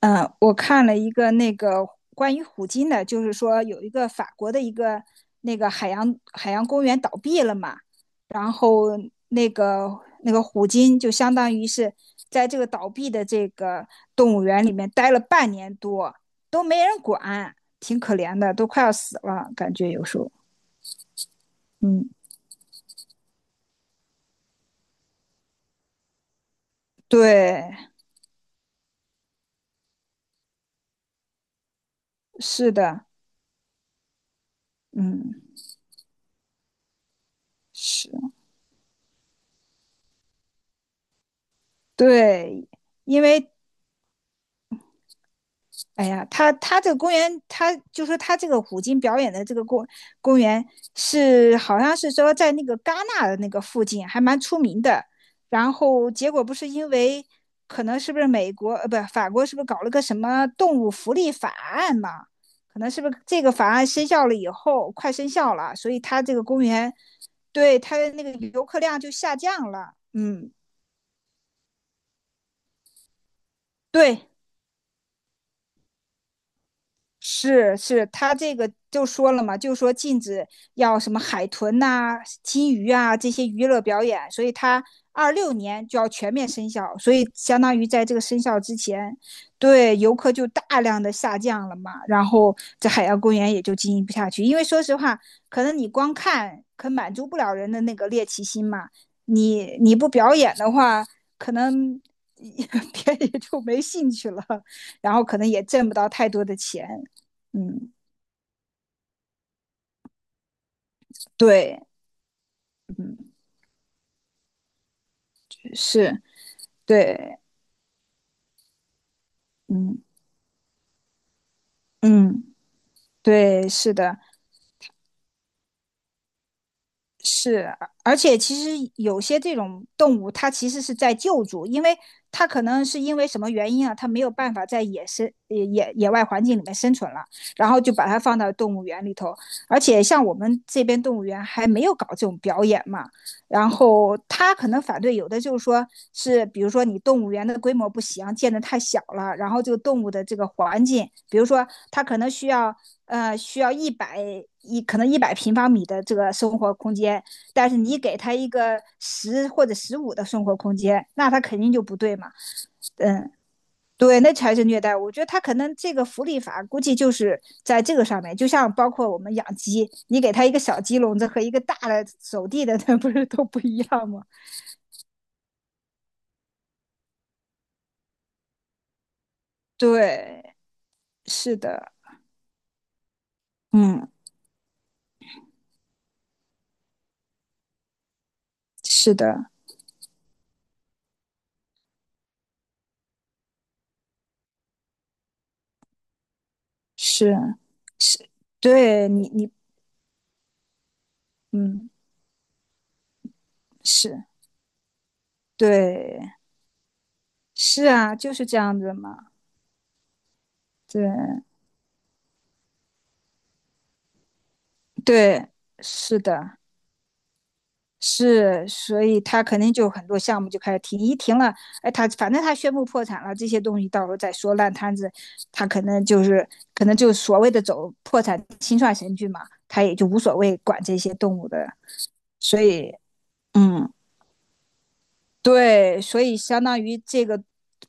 嗯，我看了一个那个关于虎鲸的，就是说有一个法国的一个那个海洋公园倒闭了嘛，然后那个虎鲸就相当于是在这个倒闭的这个动物园里面待了半年多，都没人管，挺可怜的，都快要死了，感觉有时候，嗯，对，是的，嗯，是，对，因为哎呀，他这个公园，他就说他这个虎鲸表演的这个公园是好像是说在那个戛纳的那个附近，还蛮出名的。然后结果不是因为可能是不是美国呃不法国是不是搞了个什么动物福利法案嘛？可能是不是这个法案生效了以后快生效了，所以他这个公园对他的那个游客量就下降了。嗯，对，是是，他这个就说了嘛，就说禁止要什么海豚呐、金鱼啊这些娱乐表演，所以他26年就要全面生效，所以相当于在这个生效之前，对游客就大量的下降了嘛，然后这海洋公园也就经营不下去，因为说实话，可能你光看可满足不了人的那个猎奇心嘛，你你不表演的话，可能 别人也就没兴趣了，然后可能也挣不到太多的钱。嗯，对，嗯，是，对，嗯嗯，对，是的，是，而且其实有些这种动物，它其实是在救助，因为它可能是因为什么原因啊，它没有办法在野生、野外环境里面生存了，然后就把它放到动物园里头。而且像我们这边动物园还没有搞这种表演嘛，然后他可能反对有的就是说是，比如说你动物园的规模不行，建得太小了，然后这个动物的这个环境，比如说它可能需要一百一可能100平方米的这个生活空间，但是你给他一个十或者15的生活空间，那他肯定就不对嘛。嗯，对，那才是虐待。我觉得他可能这个福利法估计就是在这个上面，就像包括我们养鸡，你给他一个小鸡笼子和一个大的走地的，那不是都不一样吗？对，是的，嗯，是的，是是，对你你嗯是对。是啊，就是这样子嘛。对对，是的，是，所以他肯定就有很多项目就开始停，一停了，哎，他反正他宣布破产了，这些东西到时候再说烂摊子，他可能就是可能就是所谓的走破产清算程序嘛，他也就无所谓管这些动物的，所以嗯，对，所以相当于这个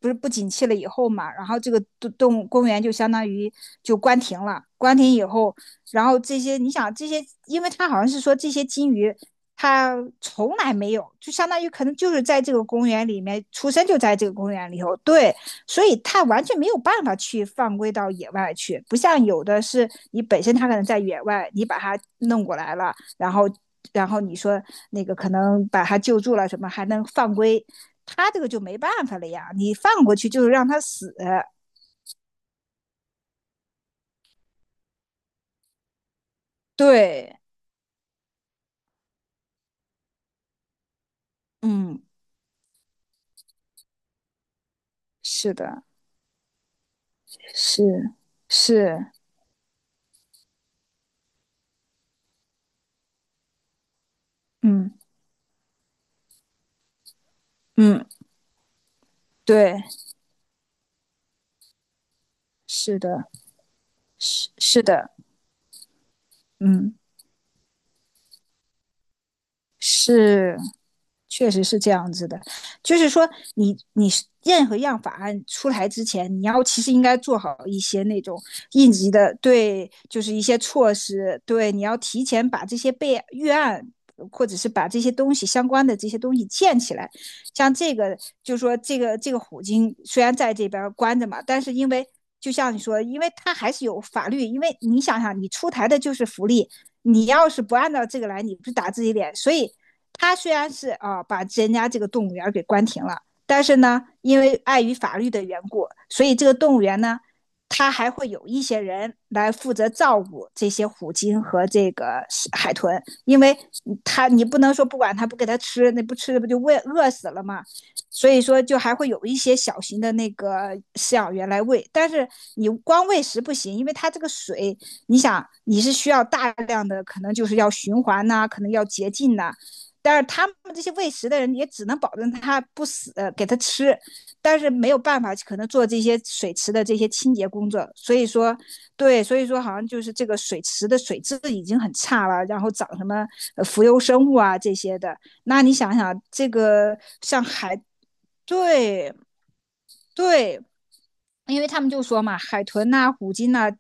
不是不景气了以后嘛，然后这个动物公园就相当于就关停了。关停以后，然后这些你想这些，因为它好像是说这些金鱼它从来没有，就相当于可能就是在这个公园里面出生就在这个公园里头，对，所以它完全没有办法去放归到野外去，不像有的是你本身它可能在野外，你把它弄过来了，然后然后你说那个可能把他救助了什么，还能犯规，他这个就没办法了呀，你放过去就是让他死。对，嗯，是的，是是，嗯嗯，对，是的，是是的，嗯是。确实是这样子的，就是说你你任何样法案出台之前，你要其实应该做好一些那种应急的，对，就是一些措施，对，你要提前把这些备预案。或者是把这些东西相关的这些东西建起来，像这个，就是说这个虎鲸虽然在这边关着嘛，但是因为就像你说，因为它还是有法律，因为你想想，你出台的就是福利，你要是不按照这个来，你不是打自己脸，所以他虽然是啊、把人家这个动物园给关停了，但是呢，因为碍于法律的缘故，所以这个动物园呢，它还会有一些人来负责照顾这些虎鲸和这个海豚，因为它你不能说不管它不给它吃，那不吃不就喂饿死了吗？所以说就还会有一些小型的那个饲养员来喂，但是你光喂食不行，因为它这个水，你想你是需要大量的，可能就是要循环呐、啊可能要洁净呐、啊但是他们这些喂食的人也只能保证他不死，给他吃，但是没有办法，可能做这些水池的这些清洁工作。所以说，对，所以说好像就是这个水池的水质已经很差了，然后长什么浮游生物啊这些的。那你想想，这个像海，对对，因为他们就说嘛，海豚呐、啊虎鲸呐、啊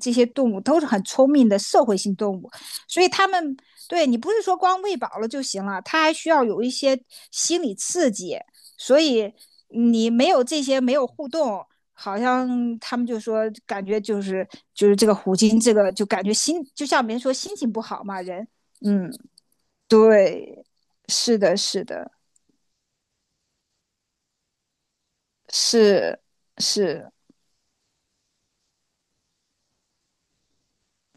这些动物都是很聪明的社会性动物，所以他们对你不是说光喂饱了就行了，他还需要有一些心理刺激。所以你没有这些，没有互动，好像他们就说感觉就是就是这个虎鲸，这个就感觉心就像别人说心情不好嘛，人，嗯，对，是的，是的，是是，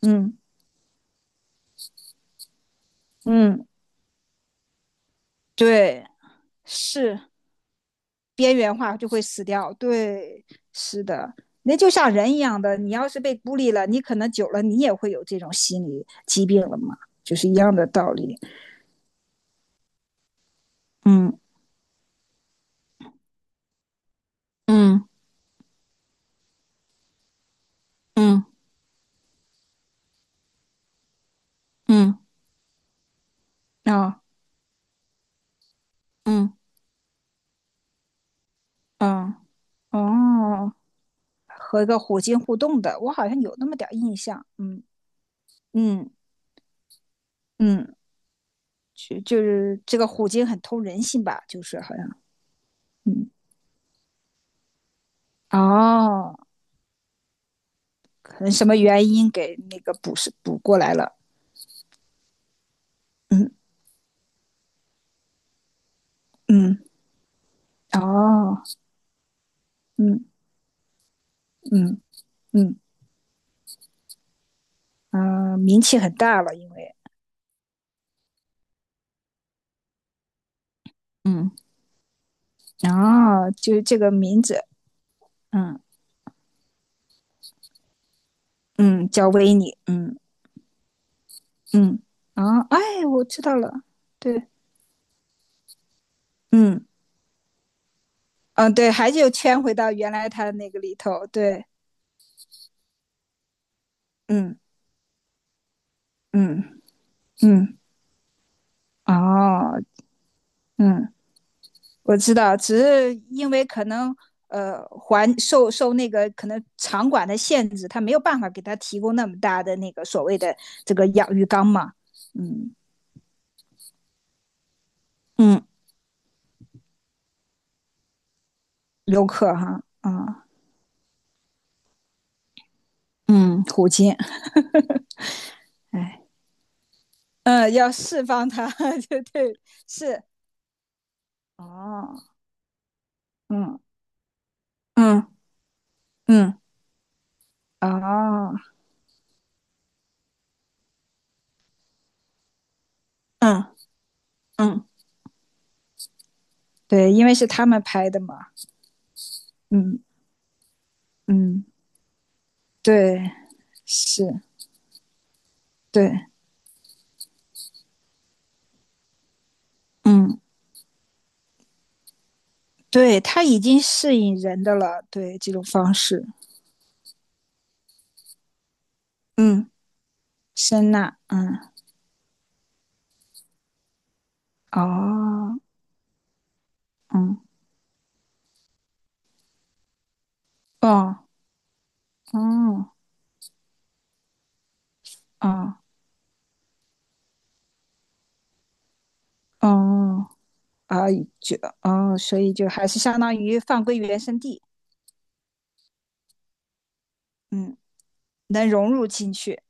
嗯嗯，对，是。边缘化就会死掉。对，是的，那就像人一样的，你要是被孤立了，你可能久了你也会有这种心理疾病了嘛，就是一样的道理。嗯嗯嗯嗯啊嗯嗯哦，和一个虎鲸互动的，我好像有那么点儿印象。嗯嗯嗯，就是这个虎鲸很通人性吧，就是好像嗯哦，可能什么原因给那个补是补过来了。嗯嗯。哦，嗯嗯嗯嗯、名气很大了，因为嗯，哦，就是这个名字，嗯嗯，叫维尼，嗯嗯，啊，哎，我知道了，对，嗯嗯，对，还就圈回到原来他那个里头，对，嗯嗯嗯，哦，嗯我知道，只是因为可能环受那个可能场馆的限制，他没有办法给他提供那么大的那个所谓的这个养鱼缸嘛。嗯嗯游客哈啊嗯，虎鲸，哎嗯，要释放它，对对是哦，嗯嗯嗯哦，嗯嗯，对，因为是他们拍的嘛。嗯嗯对是对嗯，对，它已经适应人的了，对这种方式，嗯，声呐，嗯，哦，嗯，哦，哦，哦，哦，啊，就哦，所以就还是相当于放归原生地，嗯，能融入进去，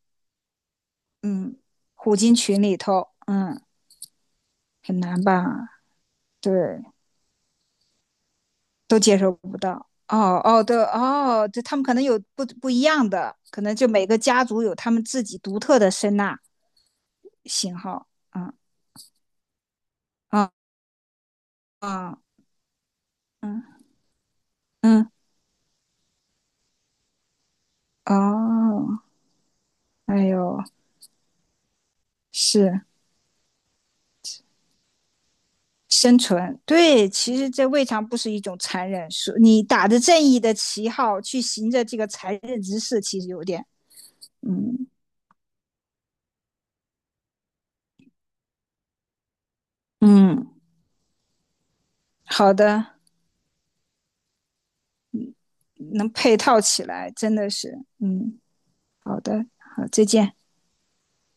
嗯，虎鲸群里头，嗯，很难吧？对，都接受不到。哦哦，对哦，对，他们可能有不一样的，可能就每个家族有他们自己独特的声呐型号，嗯。啊啊，嗯嗯，哦，哎呦，是生存。对，其实这未尝不是一种残忍，是你打着正义的旗号去行着这个残忍之事，其实有点，嗯嗯，好的，能配套起来，真的是，嗯，好的，好，再见。